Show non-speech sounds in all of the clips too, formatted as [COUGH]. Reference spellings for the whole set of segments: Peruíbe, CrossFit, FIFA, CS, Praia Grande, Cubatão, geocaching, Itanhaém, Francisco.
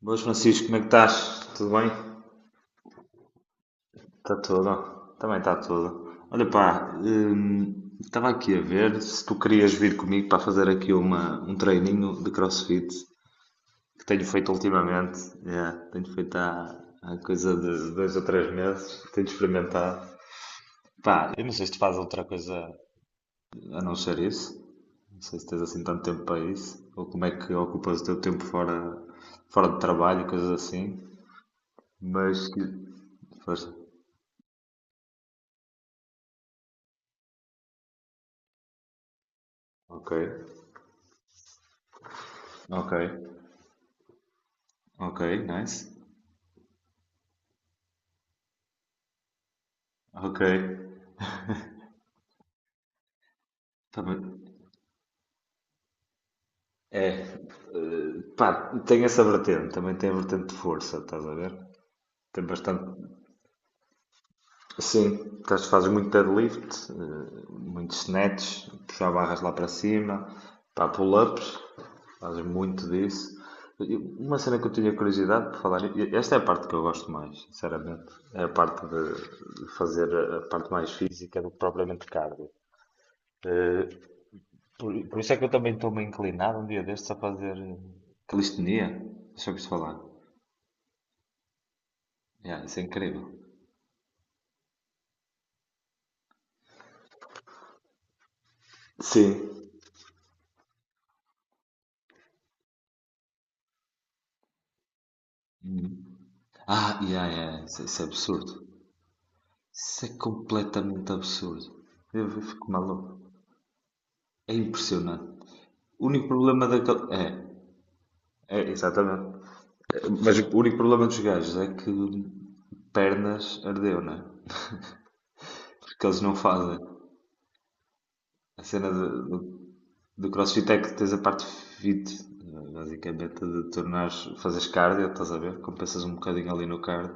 Boas, Francisco, como é que estás? Tudo bem? Está tudo? Também está tudo. Olha, pá, estava aqui a ver se tu querias vir comigo para fazer aqui um treininho de CrossFit que tenho feito ultimamente. É, tenho feito há coisa de 2 ou 3 meses, tenho experimentado. Pá, eu não sei se tu fazes outra coisa a não ser isso. Não sei se tens assim tanto tempo para isso, ou como é que ocupas o teu tempo fora de trabalho, coisas assim. Mas que. Força. Ok. Ok, ok, nice. Ok, também. É, pá, tem essa vertente, também tem a vertente de força, estás a ver? Tem bastante. Sim, fazes muito deadlift, muito snatch, puxar barras lá para cima, pá, pull-ups, fazes muito disso. E uma cena que eu tinha curiosidade por falar, e esta é a parte que eu gosto mais, sinceramente, é a parte de fazer a parte mais física do que propriamente cardio. Eh, por isso é que eu também estou meio inclinado um dia destes a fazer calistenia. Deixa eu ouvir falar. Yeah, isso é incrível. Sim. Ah, yeah, yeah, isso é absurdo. Isso é completamente absurdo. Eu fico maluco. É impressionante. O único problema daquele. É, é, exatamente. É, mas o único problema dos gajos é que pernas ardeu, né? Porque eles não fazem. A cena de, Do CrossFit é que tens a parte fit, basicamente, de tornares, fazes cardio, estás a ver? Compensas um bocadinho ali no cardio.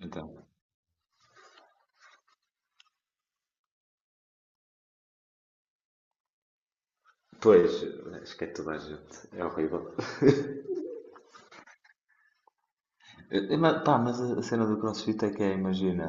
Então, pois, acho que é toda a gente, é horrível. Mas, pá, a cena do CrossFit é que é, imagina,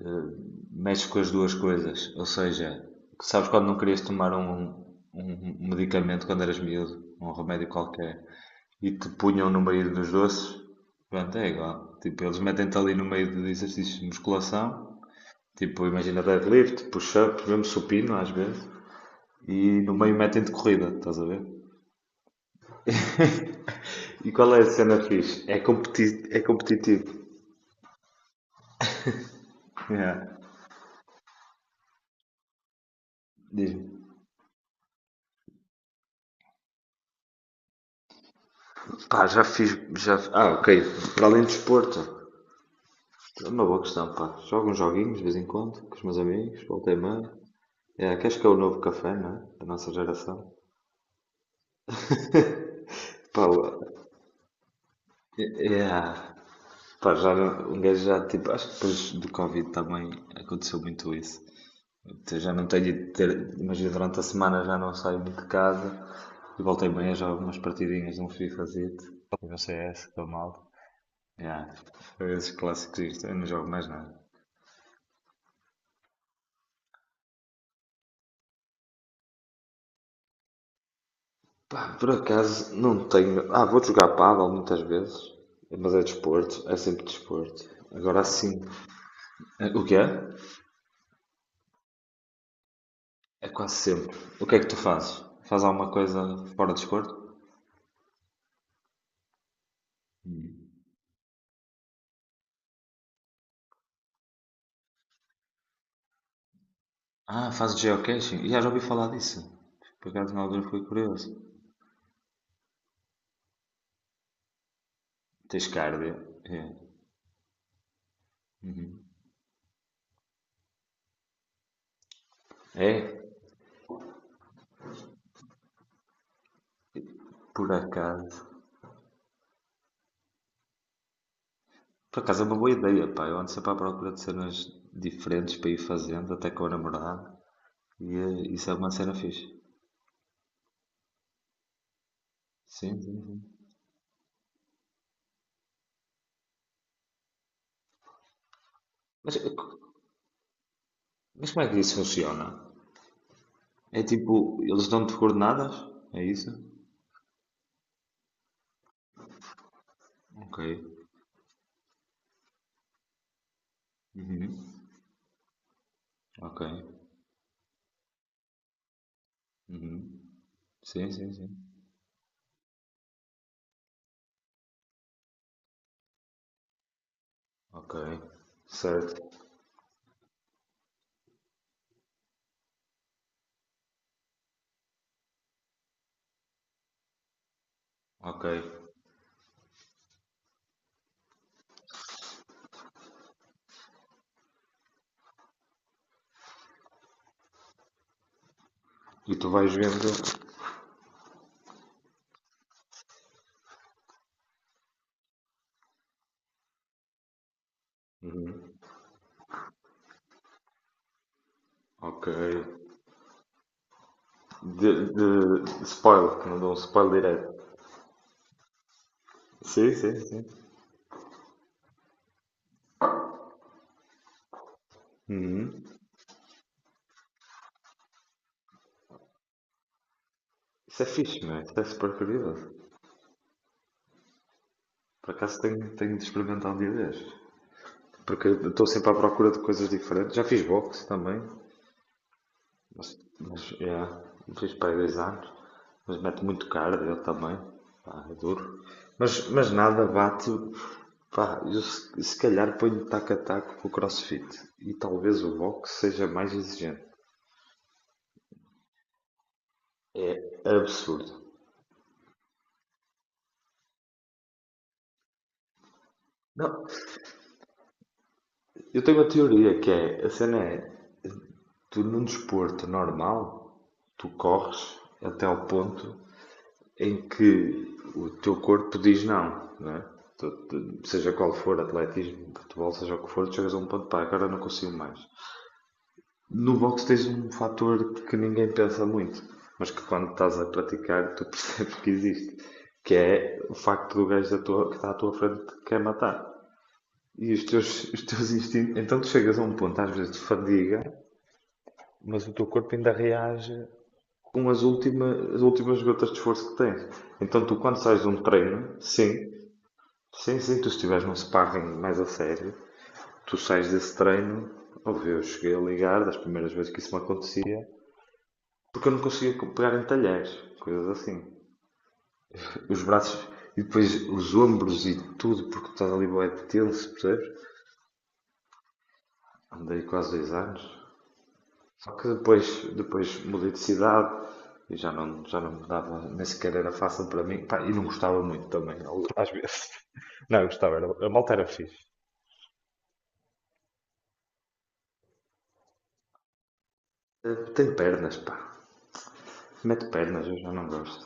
eh, mexes com as duas coisas, ou seja, sabes quando não querias tomar um, um medicamento quando eras miúdo, um remédio qualquer, e te punham no meio dos doces, pronto, é igual. Tipo, eles metem-te ali no meio de exercícios de musculação. Tipo, imagina deadlift, push-up, mesmo supino às vezes. E no meio metem de corrida, estás a ver? E qual é a cena fixe? É, competi é competitivo. Yeah. Diz-me. Pá, já fiz. Já. Ah, ok. Para além de desporto. É uma boa questão, pá. Jogo uns joguinhos de vez em quando com os meus amigos, volta e meia. É, que acho que é o novo café, não é? Da nossa geração. Pá, é, é, pá, já um gajo já, tipo, acho que depois do Covid também aconteceu muito isso. Já não tenho de ter. Imagina, durante a semana já não saio muito de casa e voltei bem a jogar umas partidinhas de um FIFAzito e no CS, estou mal. Yeah. Foi esses clássicos isto, eu não jogo mais nada. Pá, por acaso não tenho. Ah, vou jogar pádel muitas vezes, mas é desporto, é sempre desporto. Agora sim. É, o que é? É quase sempre. O que é que tu fazes? Faz alguma coisa fora de desporto? Ah, fazes geocaching? Já ouvi falar disso. Por acaso na altura fui curioso. Tens cardio? É. É, por acaso. Por acaso é uma boa ideia, pá. Eu ando sempre à procura de cenas diferentes para ir fazendo, até com a namorada. E isso é uma cena fixe. Sim, sim, sim. Mas, eh, co- mas, como é que isso funciona? É tipo, eles dão-te coordenadas? É isso? Ok. Uhum. Ok. Uhum. Sim, sim, sim. Ok. Certo. Ok. E tu vais vendo. Uhum. Ok. De, de spoiler, que não dão spoiler direto. Sim, sim, sim. Uhum. Isso é fixe, meu. Isso é super curioso. Por acaso tenho de experimentar um dia destes. Porque eu estou sempre à procura de coisas diferentes. Já fiz boxe também. Mas, yeah, fiz para aí 2 anos. Mas mete muito cardio eu também. Pá, é duro. Mas nada bate. Pá, eu se calhar ponho taco a taco com o crossfit. E talvez o boxe seja mais exigente. É absurdo. Não, eu tenho uma teoria que é, a cena é, tu num desporto normal, tu corres até ao ponto em que o teu corpo diz não, não é? Seja qual for, atletismo, futebol, seja o que for, tu chegas a um ponto, pá, agora não consigo mais. No boxe tens um fator que ninguém pensa muito, mas que quando estás a praticar tu [LAUGHS] percebes que existe, que é o facto do gajo que está à tua frente que quer matar. E os teus instintos. Então tu chegas a um ponto, às vezes, de fadiga, mas o teu corpo ainda reage com as últimas gotas de esforço que tens. Então, tu, quando sais de um treino, sim, sim, sim, tu se estiveres num sparring mais a sério, tu sais desse treino. Ouve, eu cheguei a ligar das primeiras vezes que isso me acontecia, porque eu não conseguia pegar em talheres, coisas assim. Os braços e depois os ombros e tudo, porque estás ali bem tenso, percebes? Andei quase 2 anos. Só que depois mudei de cidade e já não me dava, nem sequer era fácil para mim. Pá, e não gostava muito também, às vezes. [LAUGHS] Não, eu gostava, era, a malta era fixe. Tem pernas, pá. Mete pernas, eu já não gosto.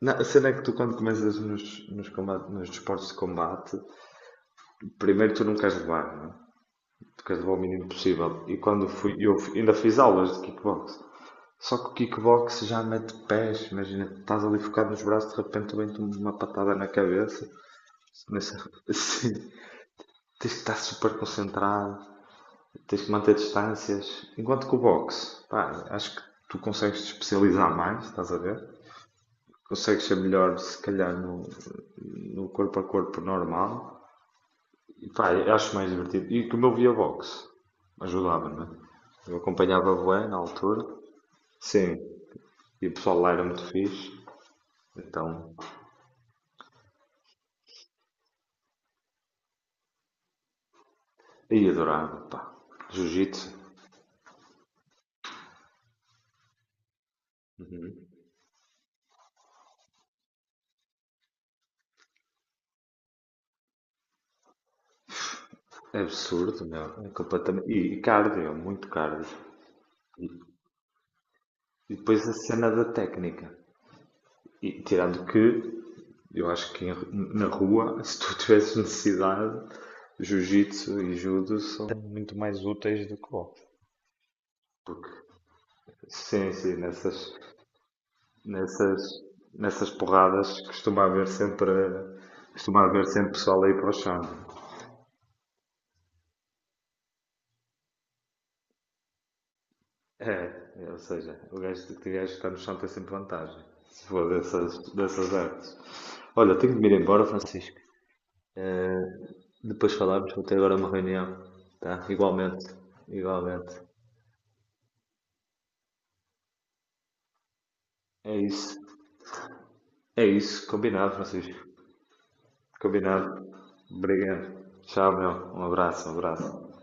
Não, a cena é que tu quando começas nos desportos de combate, primeiro tu não queres levar, não é? Tu queres levar o mínimo possível. E quando fui, ainda fiz aulas de kickbox. Só que o kickbox já mete pés, imagina, estás ali focado nos braços, de repente vem-te uma patada na cabeça. [LAUGHS] Sim. Tens que estar super concentrado, tens que manter distâncias. Enquanto que o boxe, pá, acho que tu consegues te especializar mais, estás a ver? Consegues ser melhor, se calhar, no corpo a corpo normal. E pá, eu acho mais divertido. E como eu via boxe, ajudava, não é? Eu acompanhava a bué na altura. Sim. E o pessoal lá era muito fixe. Então, e adorava, pá. Jiu-jitsu. É absurdo, meu. É completamente. E cardio, muito cardio. E depois a cena da técnica. E tirando que, eu acho que na rua, [LAUGHS] se tu tivesses necessidade, jiu-jitsu e judo são muito mais úteis do que boxe. Porque, sim, sim, nessas, nessas porradas costuma haver sempre pessoal aí para o chão. É, ou seja, o gajo que tiver que está no chão tem sempre vantagem, se for dessas artes. Olha, tenho de me ir embora, Francisco. Eh, Depois falamos, vou ter agora uma reunião. Tá? Igualmente, igualmente. É isso. É isso. Combinado, Francisco. Combinado. Obrigado. Tchau, meu. Um abraço, um abraço.